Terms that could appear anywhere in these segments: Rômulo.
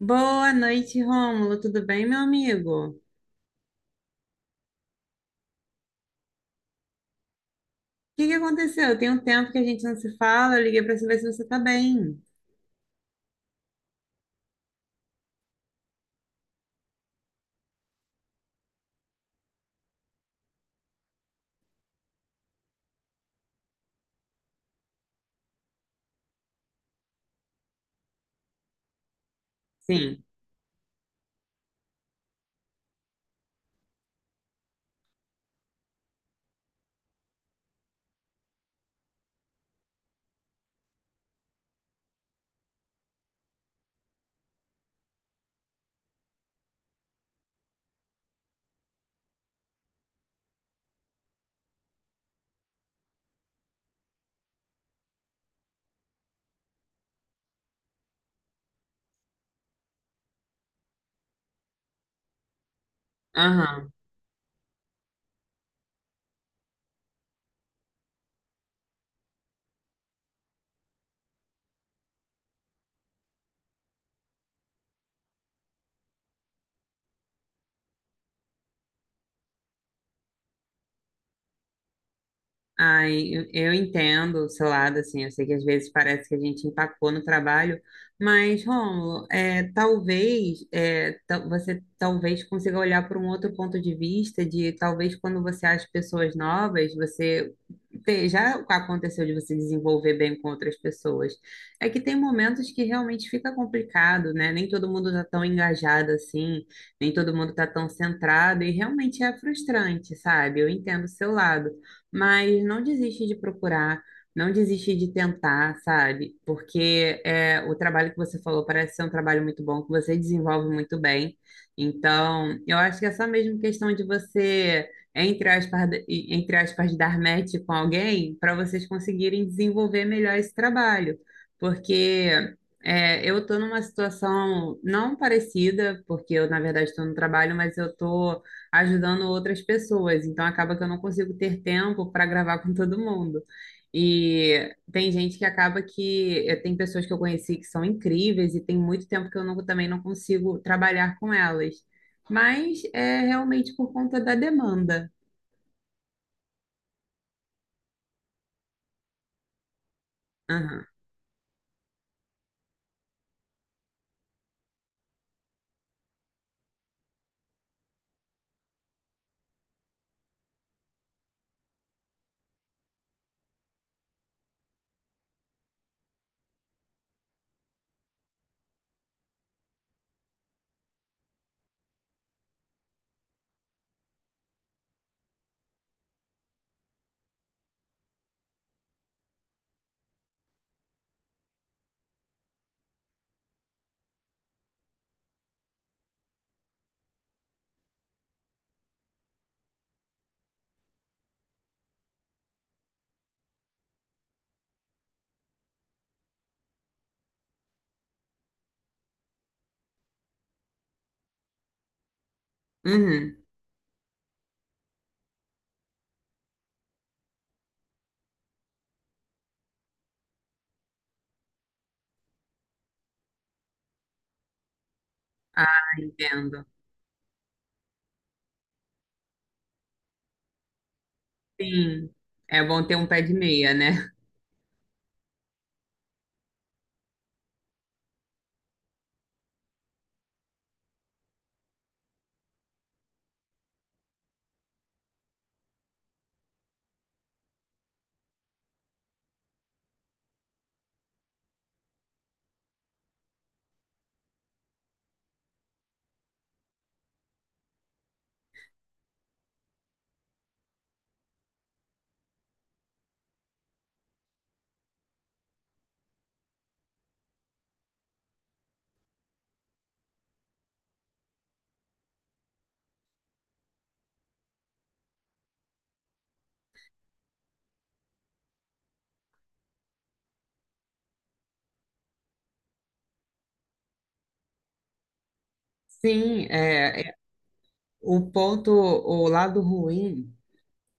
Boa noite, Rômulo. Tudo bem, meu amigo? O que que aconteceu? Tem um tempo que a gente não se fala. Eu liguei para saber se você tá bem. Sim. Aham. Ai, eu entendo o seu lado, assim, eu sei que às vezes parece que a gente empacou no trabalho, mas, Rômulo, talvez você talvez consiga olhar por um outro ponto de vista, de talvez quando você acha pessoas novas, você já aconteceu de você desenvolver bem com outras pessoas. É que tem momentos que realmente fica complicado, né? Nem todo mundo tá tão engajado assim, nem todo mundo tá tão centrado, e realmente é frustrante, sabe? Eu entendo o seu lado. Mas não desiste de procurar, não desiste de tentar, sabe? Porque é, o trabalho que você falou parece ser um trabalho muito bom, que você desenvolve muito bem. Então, eu acho que é só mesmo questão de você, entre aspas, entre aspas, dar match com alguém para vocês conseguirem desenvolver melhor esse trabalho. Porque é, eu estou numa situação não parecida, porque eu, na verdade, estou no trabalho, mas eu estou ajudando outras pessoas, então acaba que eu não consigo ter tempo para gravar com todo mundo. E tem gente que acaba que tem pessoas que eu conheci que são incríveis e tem muito tempo que eu não, também não consigo trabalhar com elas. Mas é realmente por conta da demanda. Aham. Uhum. Ah, entendo. Sim. É bom ter um pé de meia, né? Sim, o ponto, o lado ruim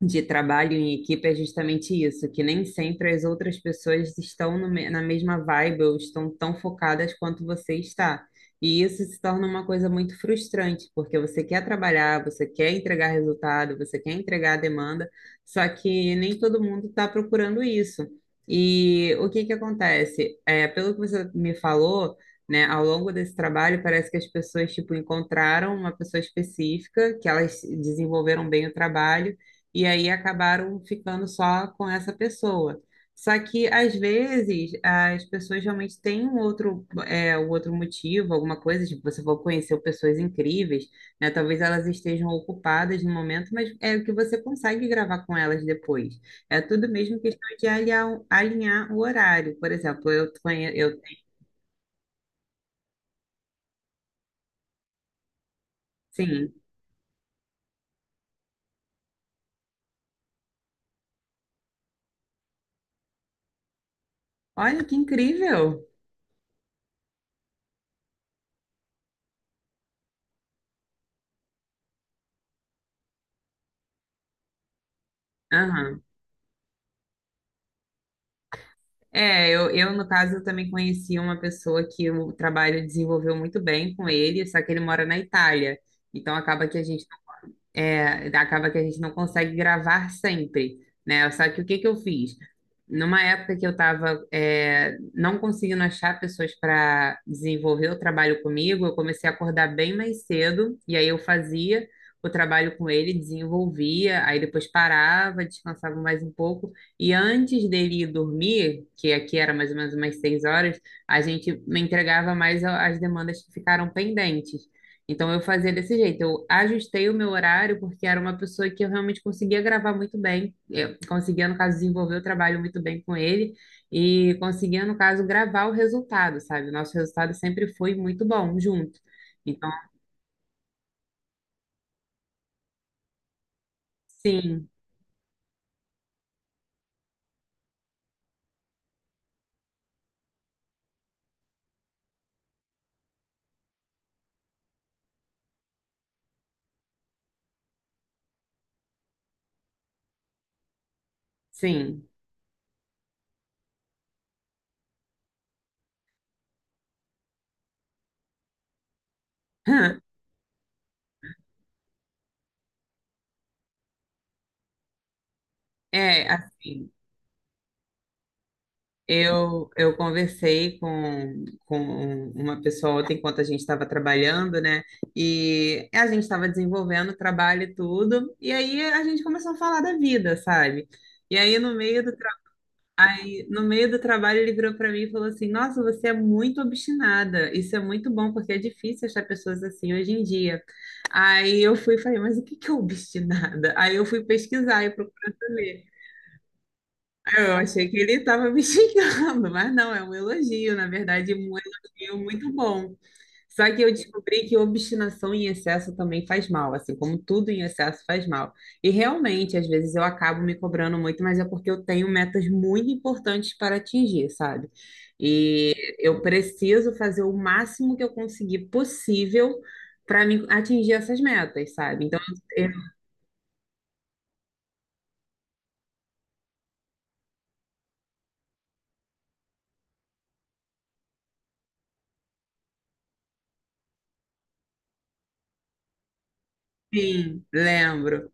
de trabalho em equipe é justamente isso, que nem sempre as outras pessoas estão no me- na mesma vibe ou estão tão focadas quanto você está. E isso se torna uma coisa muito frustrante, porque você quer trabalhar, você quer entregar resultado, você quer entregar a demanda, só que nem todo mundo está procurando isso. E o que que acontece? É, pelo que você me falou, né, ao longo desse trabalho, parece que as pessoas, tipo, encontraram uma pessoa específica, que elas desenvolveram bem o trabalho, e aí acabaram ficando só com essa pessoa. Só que às vezes as pessoas realmente têm um outro, é, um outro motivo, alguma coisa, tipo, você vai conhecer pessoas incríveis, né? Talvez elas estejam ocupadas no momento, mas é o que você consegue gravar com elas depois. É tudo mesmo questão de alinhar, alinhar o horário. Por exemplo, eu conheço, eu, sim, olha que incrível. Aham. No caso, eu também conheci uma pessoa que o trabalho desenvolveu muito bem com ele, só que ele mora na Itália. Então, acaba que a gente não consegue gravar sempre, né? Só que o que que eu fiz? Numa época que eu estava não conseguindo achar pessoas para desenvolver o trabalho comigo, eu comecei a acordar bem mais cedo, e aí eu fazia o trabalho com ele, desenvolvia, aí depois parava, descansava mais um pouco, e antes dele ir dormir, que aqui era mais ou menos umas 6 horas, a gente me entregava mais as demandas que ficaram pendentes. Então eu fazia desse jeito, eu ajustei o meu horário porque era uma pessoa que eu realmente conseguia gravar muito bem, eu conseguia, no caso, desenvolver o trabalho muito bem com ele e conseguia, no caso, gravar o resultado, sabe? O nosso resultado sempre foi muito bom junto. Então, sim, sim. É, assim. Eu conversei com uma pessoa ontem, enquanto a gente estava trabalhando, né? E a gente estava desenvolvendo trabalho e tudo, e aí a gente começou a falar da vida, sabe? E aí, no meio do trabalho, ele virou para mim e falou assim: "Nossa, você é muito obstinada. Isso é muito bom, porque é difícil achar pessoas assim hoje em dia." Aí eu fui e falei: "Mas o que que é obstinada?" Aí eu fui pesquisar e procurar saber. Eu achei que ele estava me xingando, mas não, é um elogio, na verdade, um elogio muito bom. Só que eu descobri que obstinação em excesso também faz mal, assim como tudo em excesso faz mal. E realmente, às vezes eu acabo me cobrando muito, mas é porque eu tenho metas muito importantes para atingir, sabe? E eu preciso fazer o máximo que eu conseguir possível para me atingir essas metas, sabe? Então, eu, sim, lembro.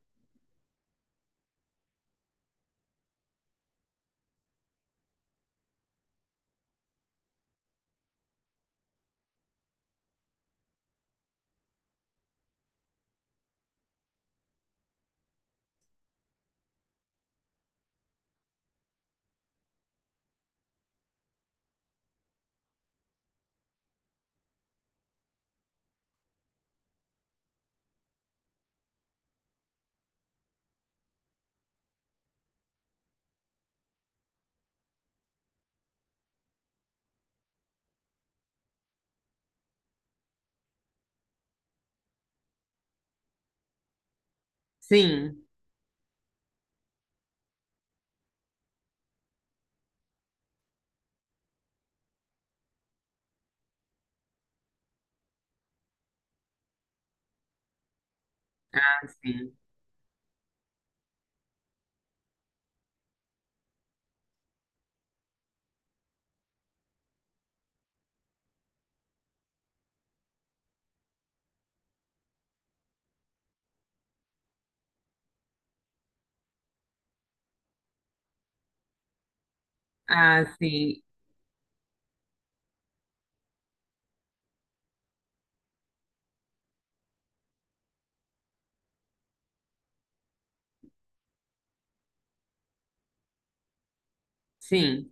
Sim, assim, ah, sim. Sim.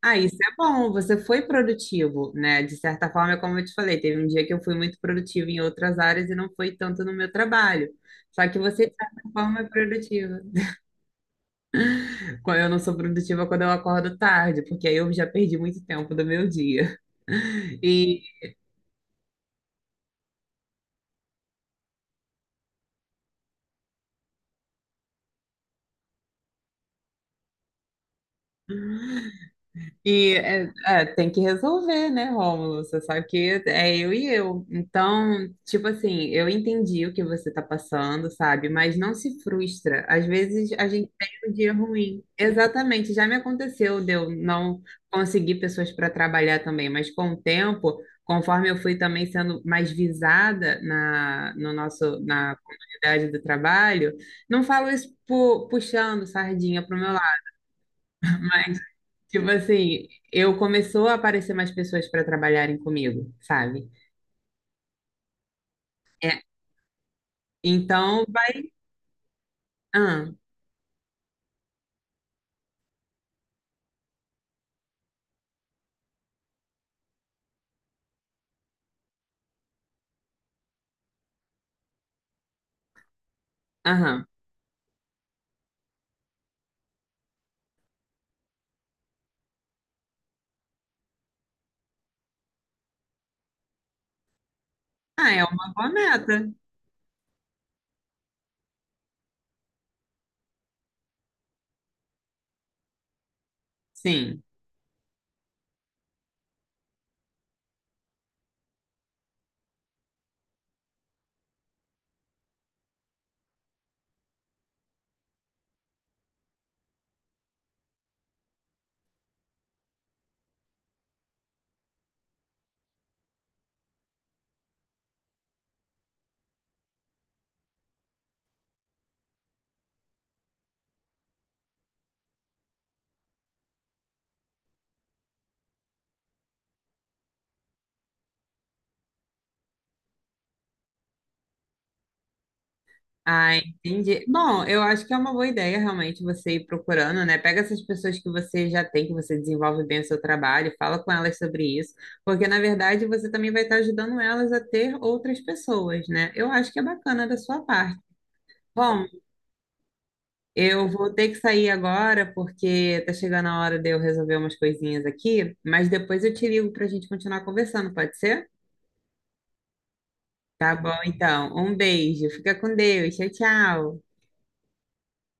Ah, isso é bom, você foi produtivo, né? De certa forma, é como eu te falei, teve um dia que eu fui muito produtivo em outras áreas e não foi tanto no meu trabalho. Só que você, de certa forma, é produtiva. Quando eu não sou produtiva quando eu acordo tarde, porque aí eu já perdi muito tempo do meu dia. E E é, é, tem que resolver, né, Rômulo? Você sabe que é eu e eu. Então, tipo assim, eu entendi o que você tá passando, sabe? Mas não se frustra. Às vezes a gente tem um dia ruim. Exatamente, já me aconteceu de eu não conseguir pessoas para trabalhar também, mas com o tempo, conforme eu fui também sendo mais visada na, no nosso, na comunidade do trabalho, não falo isso puxando sardinha pro meu lado. Tipo assim, eu começou a aparecer mais pessoas para trabalharem comigo, sabe? É, então vai. Ah, aham. Ah, é uma boa meta. Sim. Ah, entendi. Bom, eu acho que é uma boa ideia realmente você ir procurando, né? Pega essas pessoas que você já tem, que você desenvolve bem o seu trabalho, fala com elas sobre isso, porque na verdade você também vai estar ajudando elas a ter outras pessoas, né? Eu acho que é bacana da sua parte. Bom, eu vou ter que sair agora porque tá chegando a hora de eu resolver umas coisinhas aqui, mas depois eu te ligo pra gente continuar conversando, pode ser? Tá bom, então. Um beijo. Fica com Deus. Tchau, tchau.